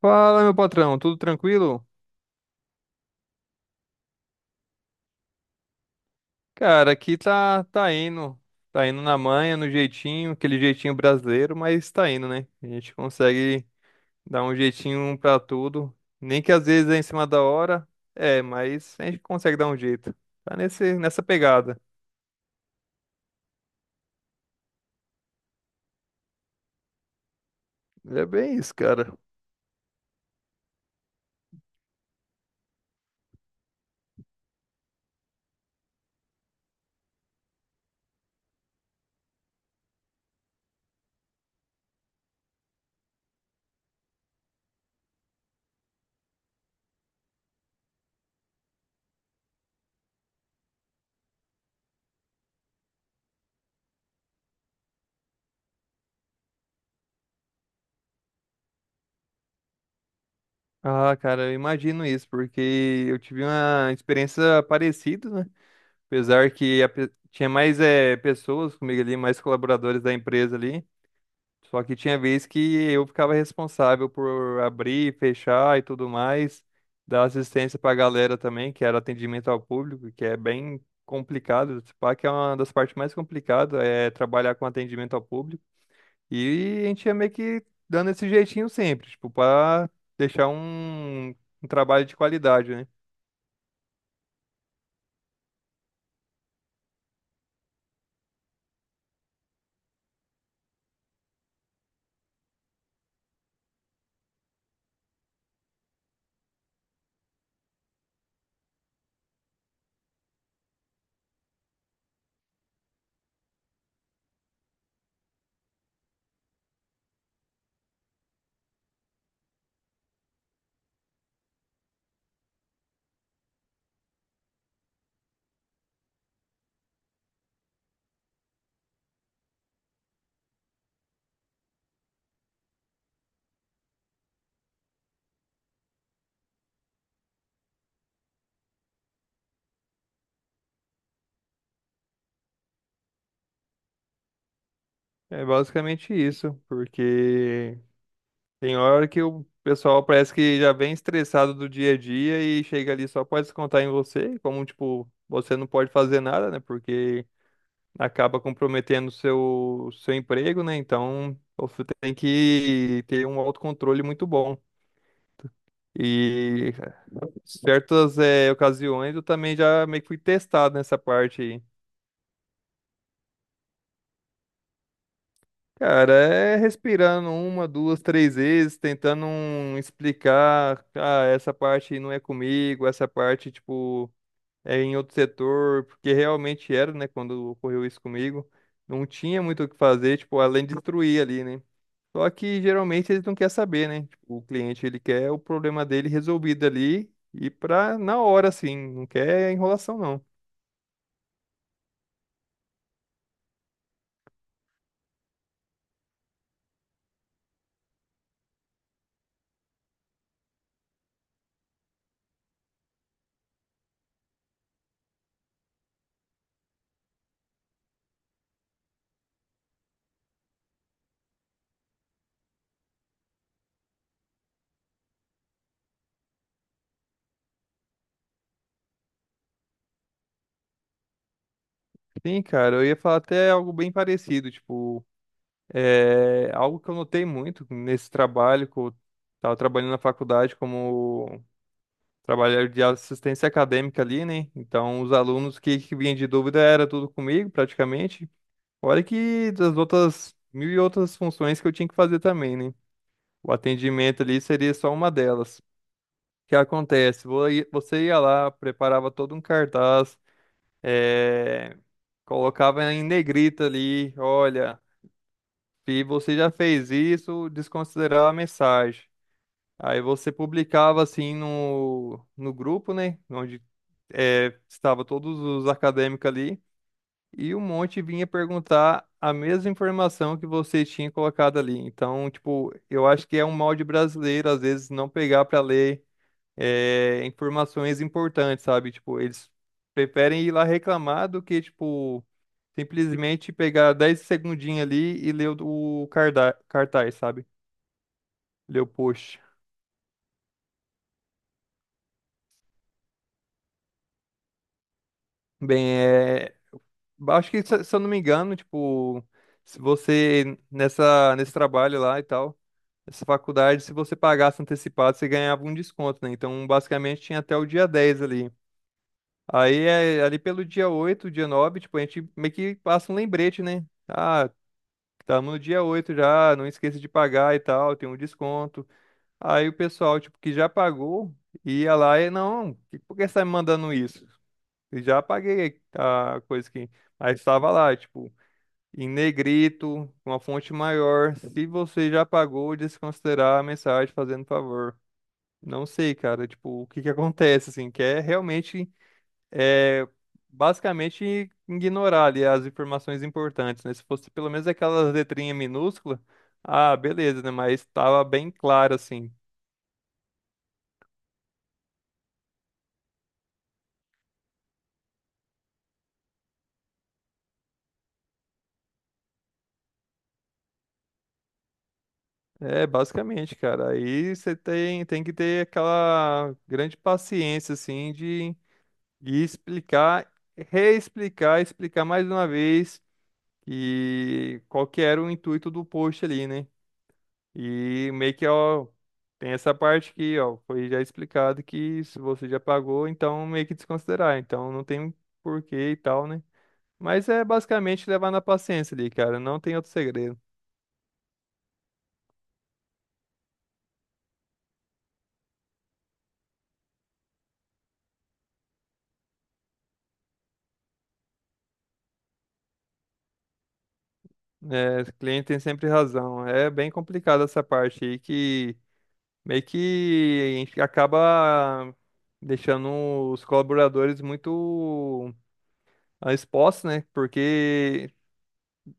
Fala, meu patrão, tudo tranquilo? Cara, aqui tá indo. Tá indo na manha, no jeitinho, aquele jeitinho brasileiro, mas tá indo, né? A gente consegue dar um jeitinho um pra tudo. Nem que às vezes é em cima da hora, é, mas a gente consegue dar um jeito. Tá nessa pegada. É bem isso, cara. Ah, cara, eu imagino isso, porque eu tive uma experiência parecida, né? Apesar que tinha mais pessoas comigo ali, mais colaboradores da empresa ali. Só que tinha vez que eu ficava responsável por abrir, fechar e tudo mais, dar assistência pra galera também, que era atendimento ao público, que é bem complicado. Se pá, que é uma das partes mais complicadas, é trabalhar com atendimento ao público. E a gente ia meio que dando esse jeitinho sempre, tipo, pra deixar um trabalho de qualidade, né? É basicamente isso, porque tem hora que o pessoal parece que já vem estressado do dia a dia e chega ali só pode descontar em você, como tipo, você não pode fazer nada, né? Porque acaba comprometendo o seu emprego, né? Então, você tem que ter um autocontrole muito bom. E certas ocasiões eu também já meio que fui testado nessa parte aí. Cara, é respirando uma, duas, três vezes, tentando um, explicar, ah, essa parte não é comigo, essa parte, tipo, é, em outro setor, porque realmente era, né, quando ocorreu isso comigo, não tinha muito o que fazer, tipo, além de destruir ali, né? Só que geralmente eles não querem saber, né? Tipo, o cliente ele quer o problema dele resolvido ali e pra na hora, assim, não quer enrolação, não. Sim, cara, eu ia falar até algo bem parecido, tipo, é algo que eu notei muito nesse trabalho que eu tava trabalhando na faculdade como trabalhei de assistência acadêmica ali, né? Então, os alunos que vinham de dúvida era tudo comigo, praticamente. Olha que das outras mil e outras funções que eu tinha que fazer também, né? O atendimento ali seria só uma delas. O que acontece? Você ia lá, preparava todo um cartaz, eh, colocava em negrita ali, olha, se você já fez isso, desconsiderar a mensagem. Aí você publicava assim no grupo, né? Onde é, estava todos os acadêmicos ali. E um monte vinha perguntar a mesma informação que você tinha colocado ali. Então, tipo, eu acho que é um mal de brasileiro, às vezes, não pegar para ler informações importantes, sabe? Tipo, eles preferem ir lá reclamar do que, tipo, simplesmente pegar 10 segundinhos ali e ler o cartaz, sabe? Ler o post. Bem, é, acho que, se eu não me engano, tipo, se você, nesse trabalho lá e tal, essa faculdade, se você pagasse antecipado, você ganhava um desconto, né? Então, basicamente, tinha até o dia 10 ali. Aí, é, ali pelo dia 8 dia 9 tipo, a gente meio que passa um lembrete, né? Ah, estamos no dia 8 já, não esqueça de pagar e tal, tem um desconto. Aí o pessoal, tipo, que já pagou, ia lá e, não, por que você está me mandando isso? Eu já paguei a coisa que... Aí estava lá, tipo em negrito, com a fonte maior. Se você já pagou, desconsiderar a mensagem fazendo favor. Não sei, cara, tipo, o que que acontece, assim, que é realmente, é, basicamente ignorar ali as informações importantes, né? Se fosse pelo menos aquelas letrinhas minúsculas, ah, beleza, né? Mas tava bem claro, assim. É, basicamente, cara, aí você tem que ter aquela grande paciência, assim, de explicar reexplicar, explicar mais uma vez e qual que era o intuito do post ali, né? E meio que, ó, tem essa parte aqui, ó, foi já explicado que se você já pagou, então meio que desconsiderar, então não tem porquê e tal, né? Mas é basicamente levar na paciência ali, cara, não tem outro segredo. É, o cliente tem sempre razão. É bem complicado essa parte aí que meio que a gente acaba deixando os colaboradores muito ah, expostos, né? Porque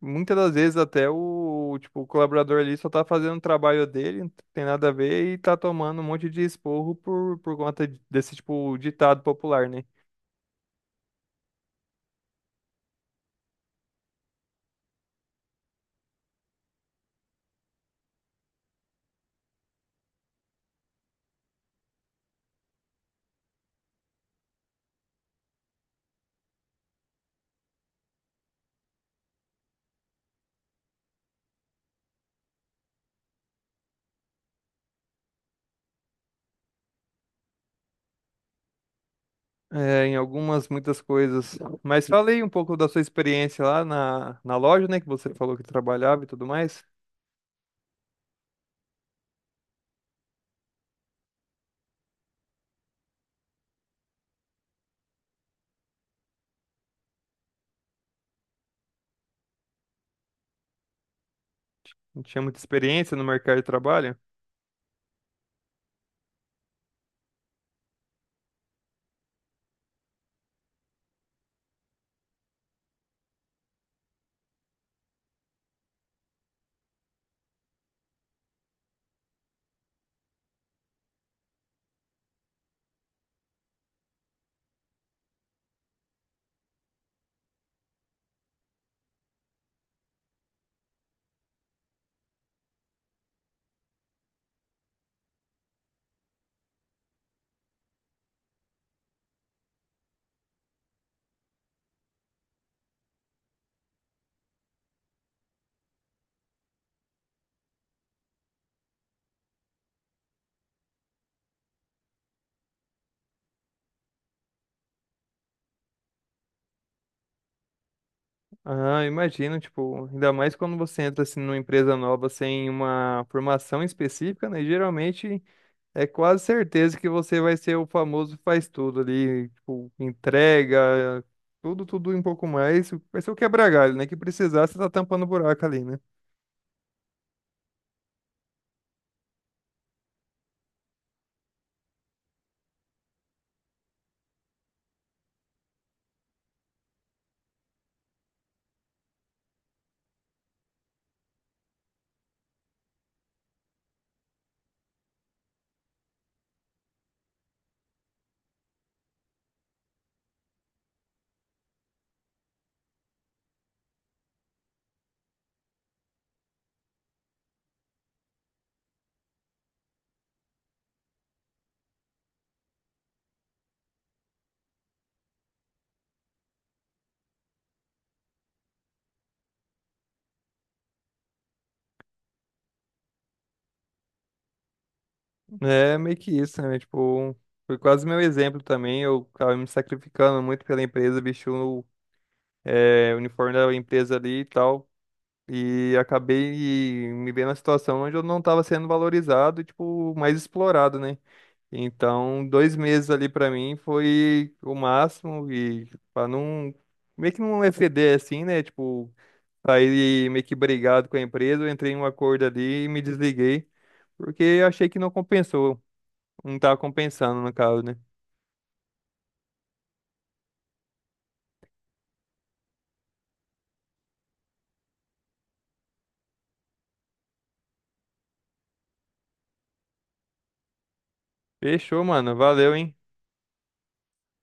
muitas das vezes até o, tipo, o colaborador ali só tá fazendo o trabalho dele, não tem nada a ver, e tá tomando um monte de esporro por conta desse, tipo, ditado popular, né? É, em algumas, muitas coisas. Mas falei um pouco da sua experiência lá na loja, né? Que você falou que trabalhava e tudo mais. Não tinha muita experiência no mercado de trabalho. Ah, imagino, tipo, ainda mais quando você entra, assim, numa empresa nova sem uma formação específica, né? Geralmente é quase certeza que você vai ser o famoso faz tudo ali, tipo, entrega, tudo, tudo e um pouco mais. Vai ser o quebra-galho, né? Que precisar, você tá tampando o buraco ali, né? É meio que isso, né? Tipo, foi quase meu exemplo também. Eu tava me sacrificando muito pela empresa, vesti o é, uniforme da empresa ali e tal. E acabei me vendo na situação onde eu não tava sendo valorizado e, tipo, mais explorado, né? Então, 2 meses ali pra mim foi o máximo e para não meio que não exceder assim, né? Tipo, sair meio que brigado com a empresa, eu entrei em um acordo ali e me desliguei, porque eu achei que não compensou, não tava compensando no caso, né? Fechou, mano, valeu, hein?